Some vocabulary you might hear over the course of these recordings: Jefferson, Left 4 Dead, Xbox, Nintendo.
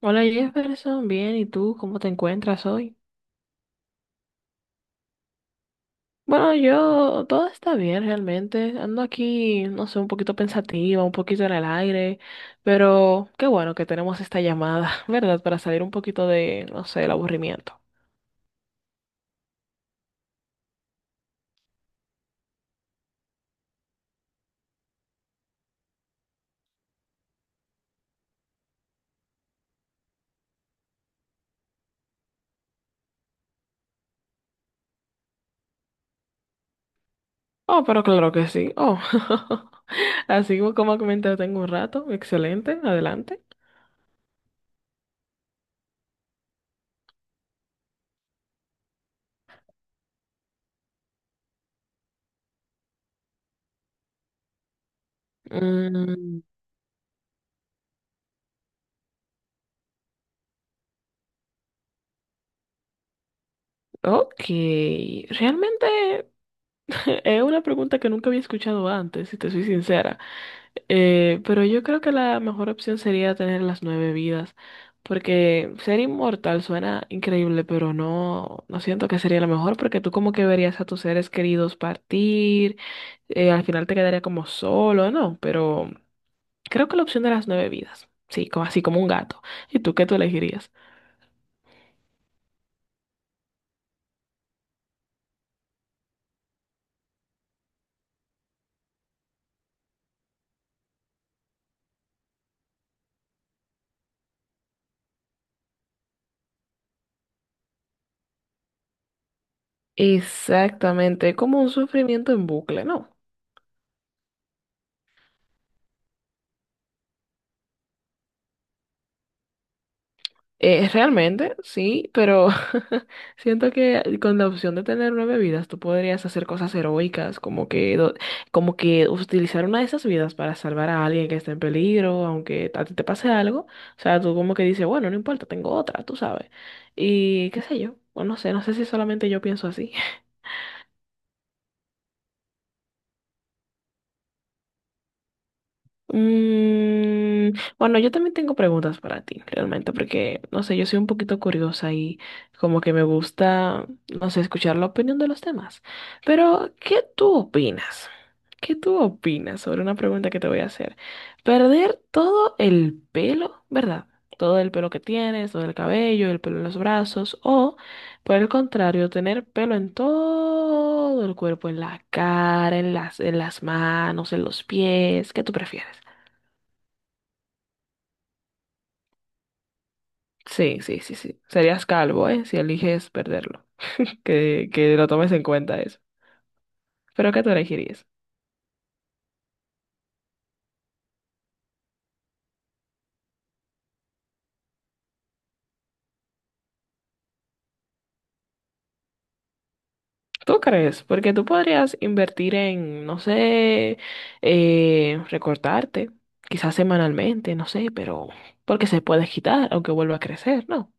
Hola Jefferson, bien, ¿y tú cómo te encuentras hoy? Bueno, yo todo está bien realmente. Ando aquí, no sé, un poquito pensativa, un poquito en el aire, pero qué bueno que tenemos esta llamada, ¿verdad? Para salir un poquito de, no sé, el aburrimiento. Oh, pero claro que sí. Oh, así como comenté, tengo un rato. Excelente, adelante. Mm, ok, realmente. Es una pregunta que nunca había escuchado antes, si te soy sincera. Pero yo creo que la mejor opción sería tener las nueve vidas, porque ser inmortal suena increíble, pero no, no siento que sería lo mejor, porque tú como que verías a tus seres queridos partir, al final te quedaría como solo, ¿no? Pero creo que la opción de las nueve vidas, sí, como, así como un gato. ¿Y tú qué tú elegirías? Exactamente, como un sufrimiento en bucle, ¿no? Realmente, sí, pero siento que con la opción de tener nueve vidas, tú podrías hacer cosas heroicas, como que utilizar una de esas vidas para salvar a alguien que está en peligro, aunque a ti te pase algo. O sea, tú como que dices, bueno, no importa, tengo otra, tú sabes. Y qué sé yo, bueno, no sé, no sé si solamente yo pienso así. Mm, bueno, yo también tengo preguntas para ti, realmente, porque, no sé, yo soy un poquito curiosa y como que me gusta, no sé, escuchar la opinión de los demás. Pero, ¿qué tú opinas? ¿Qué tú opinas sobre una pregunta que te voy a hacer? Perder todo el pelo, ¿verdad? Todo el pelo que tienes, todo el cabello, el pelo en los brazos, o, por el contrario, tener pelo en todo el cuerpo, en la cara, en las manos, en los pies. ¿Qué tú prefieres? Sí, sí, sí, sí. Serías calvo, ¿eh? Si eliges perderlo. Que lo tomes en cuenta eso. Pero ¿qué tú elegirías? ¿Tú crees? Porque tú podrías invertir en, no sé, recortarte, quizás semanalmente, no sé, pero porque se puede quitar, aunque vuelva a crecer, ¿no?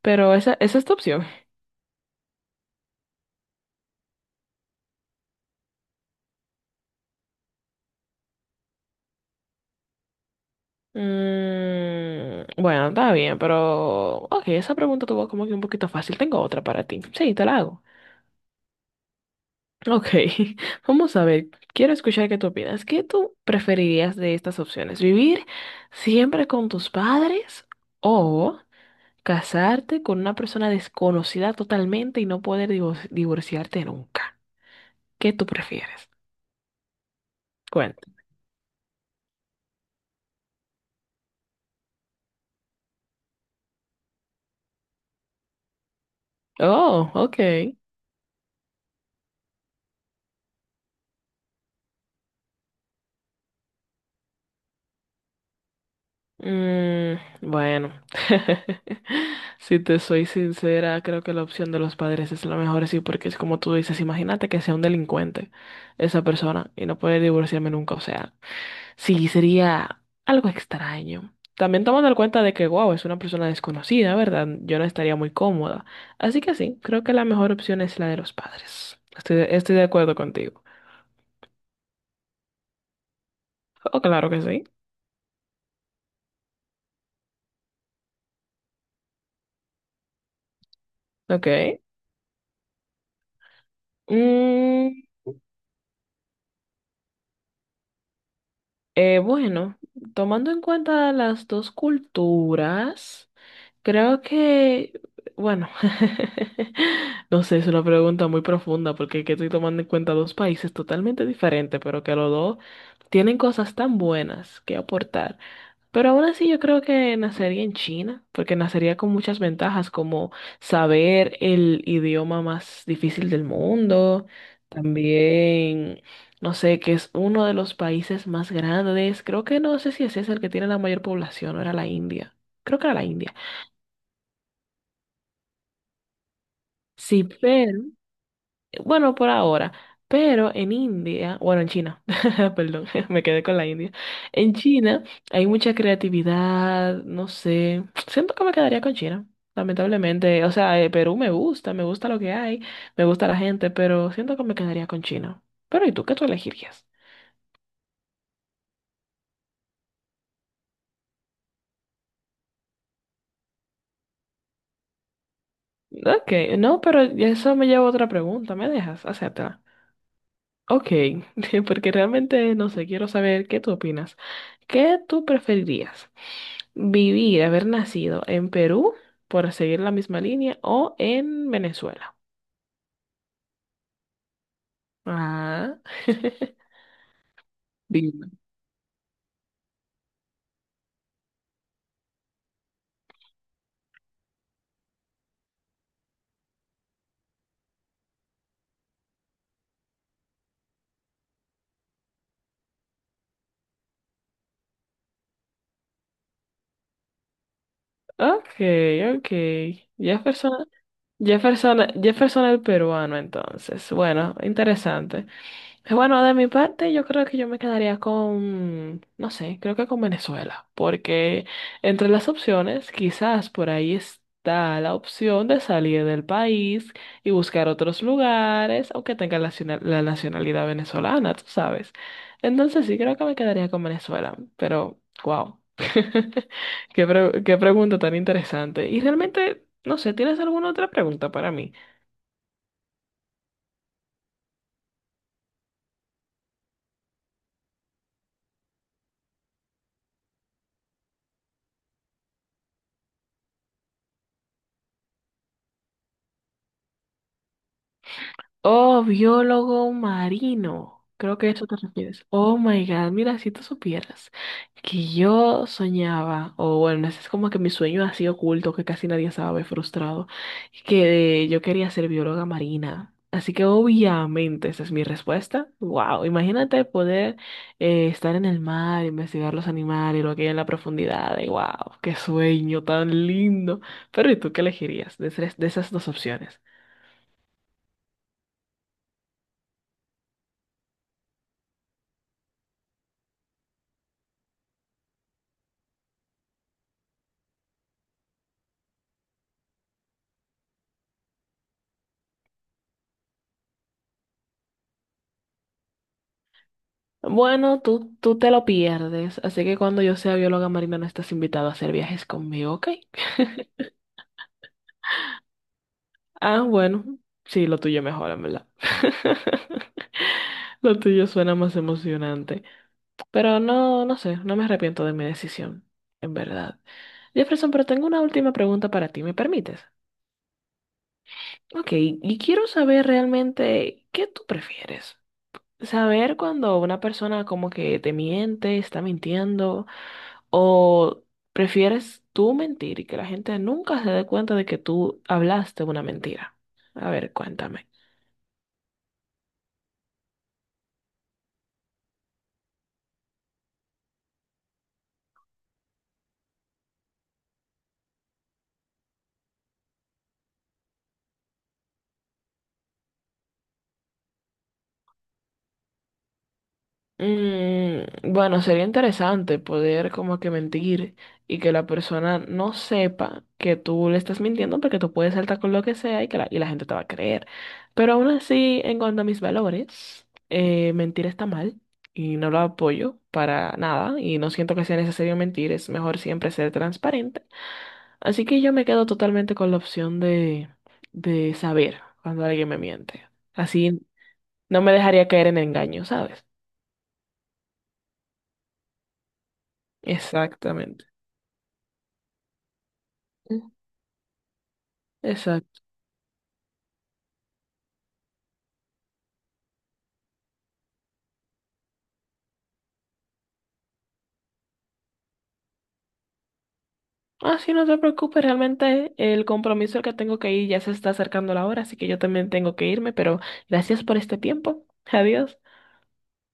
Pero esa es tu opción. Mm, bueno, está bien, pero... Ok, esa pregunta tuvo como que un poquito fácil. Tengo otra para ti. Sí, te la hago. Ok, vamos a ver, quiero escuchar qué tú opinas. ¿Qué tú preferirías de estas opciones? ¿Vivir siempre con tus padres o casarte con una persona desconocida totalmente y no poder divorciarte nunca? ¿Qué tú prefieres? Cuenta. Oh, ok. Mm, bueno, si te soy sincera, creo que la opción de los padres es la mejor, sí, porque es como tú dices, imagínate que sea un delincuente esa persona y no poder divorciarme nunca, o sea. Sí, sería algo extraño. También tomando en cuenta de que, wow, es una persona desconocida, ¿verdad? Yo no estaría muy cómoda. Así que sí, creo que la mejor opción es la de los padres. Estoy de acuerdo contigo. Oh, claro que sí. Ok. Mm, bueno, tomando en cuenta las dos culturas. Creo que, bueno, no sé, es una pregunta muy profunda porque que estoy tomando en cuenta dos países totalmente diferentes, pero que los dos tienen cosas tan buenas que aportar. Pero aún así yo creo que nacería en China, porque nacería con muchas ventajas como saber el idioma más difícil del mundo, también, no sé, que es uno de los países más grandes. Creo que no sé si ese es el que tiene la mayor población, o era la India. Creo que era la India. Sí, pero, bueno, por ahora, pero en India, bueno, en China, perdón, me quedé con la India. En China hay mucha creatividad, no sé, siento que me quedaría con China, lamentablemente. O sea, Perú me gusta lo que hay, me gusta la gente, pero siento que me quedaría con China. Pero ¿y tú qué tú elegirías? Ok, no, pero eso me lleva a otra pregunta, ¿me dejas? Hacértela. Ok, porque realmente, no sé, quiero saber qué tú opinas. ¿Qué tú preferirías? Vivir, haber nacido en Perú, por seguir la misma línea, o en Venezuela. Ah. Dime. Ok, ok. Jefferson, Jefferson el peruano, entonces. Bueno, interesante. Bueno, de mi parte, yo creo que yo me quedaría con, no sé, creo que con Venezuela, porque entre las opciones, quizás por ahí está la opción de salir del país y buscar otros lugares, aunque tenga la, la nacionalidad venezolana, tú sabes. Entonces sí, creo que me quedaría con Venezuela, pero wow. Qué pregunta tan interesante. Y realmente, no sé, ¿tienes alguna otra pregunta para mí? Oh, biólogo marino. Creo que a eso te refieres. Oh my God, mira, si tú supieras que yo soñaba, o bueno, ese es como que mi sueño así oculto que casi nadie sabe, frustrado, que yo quería ser bióloga marina. Así que obviamente esa es mi respuesta. Wow, imagínate poder estar en el mar, investigar los animales, lo que hay en la profundidad. Wow, qué sueño tan lindo. Pero ¿y tú qué elegirías de esas dos opciones? Bueno, tú te lo pierdes, así que cuando yo sea bióloga marina no estás invitado a hacer viajes conmigo, ¿ok? Ah, bueno, sí, lo tuyo mejor, en verdad. Lo tuyo suena más emocionante. Pero no, no sé, no me arrepiento de mi decisión, en verdad. Jefferson, pero tengo una última pregunta para ti, ¿me permites? Ok, y quiero saber realmente qué tú prefieres. Saber cuando una persona como que te miente, está mintiendo ¿O prefieres tú mentir y que la gente nunca se dé cuenta de que tú hablaste una mentira? A ver, cuéntame. Mm, bueno, sería interesante poder como que mentir y que la persona no sepa que tú le estás mintiendo porque tú puedes saltar con lo que sea y que y la gente te va a creer. Pero aún así, en cuanto a mis valores, mentir está mal y no lo apoyo para nada y no siento que sea necesario mentir, es mejor siempre ser transparente. Así que yo me quedo totalmente con la opción de saber cuando alguien me miente. Así no me dejaría caer en engaño, ¿sabes? Exactamente. Mm. Exacto. Ah, sí, no te preocupes, realmente el compromiso al que tengo que ir ya se está acercando la hora, así que yo también tengo que irme, pero gracias por este tiempo. Adiós.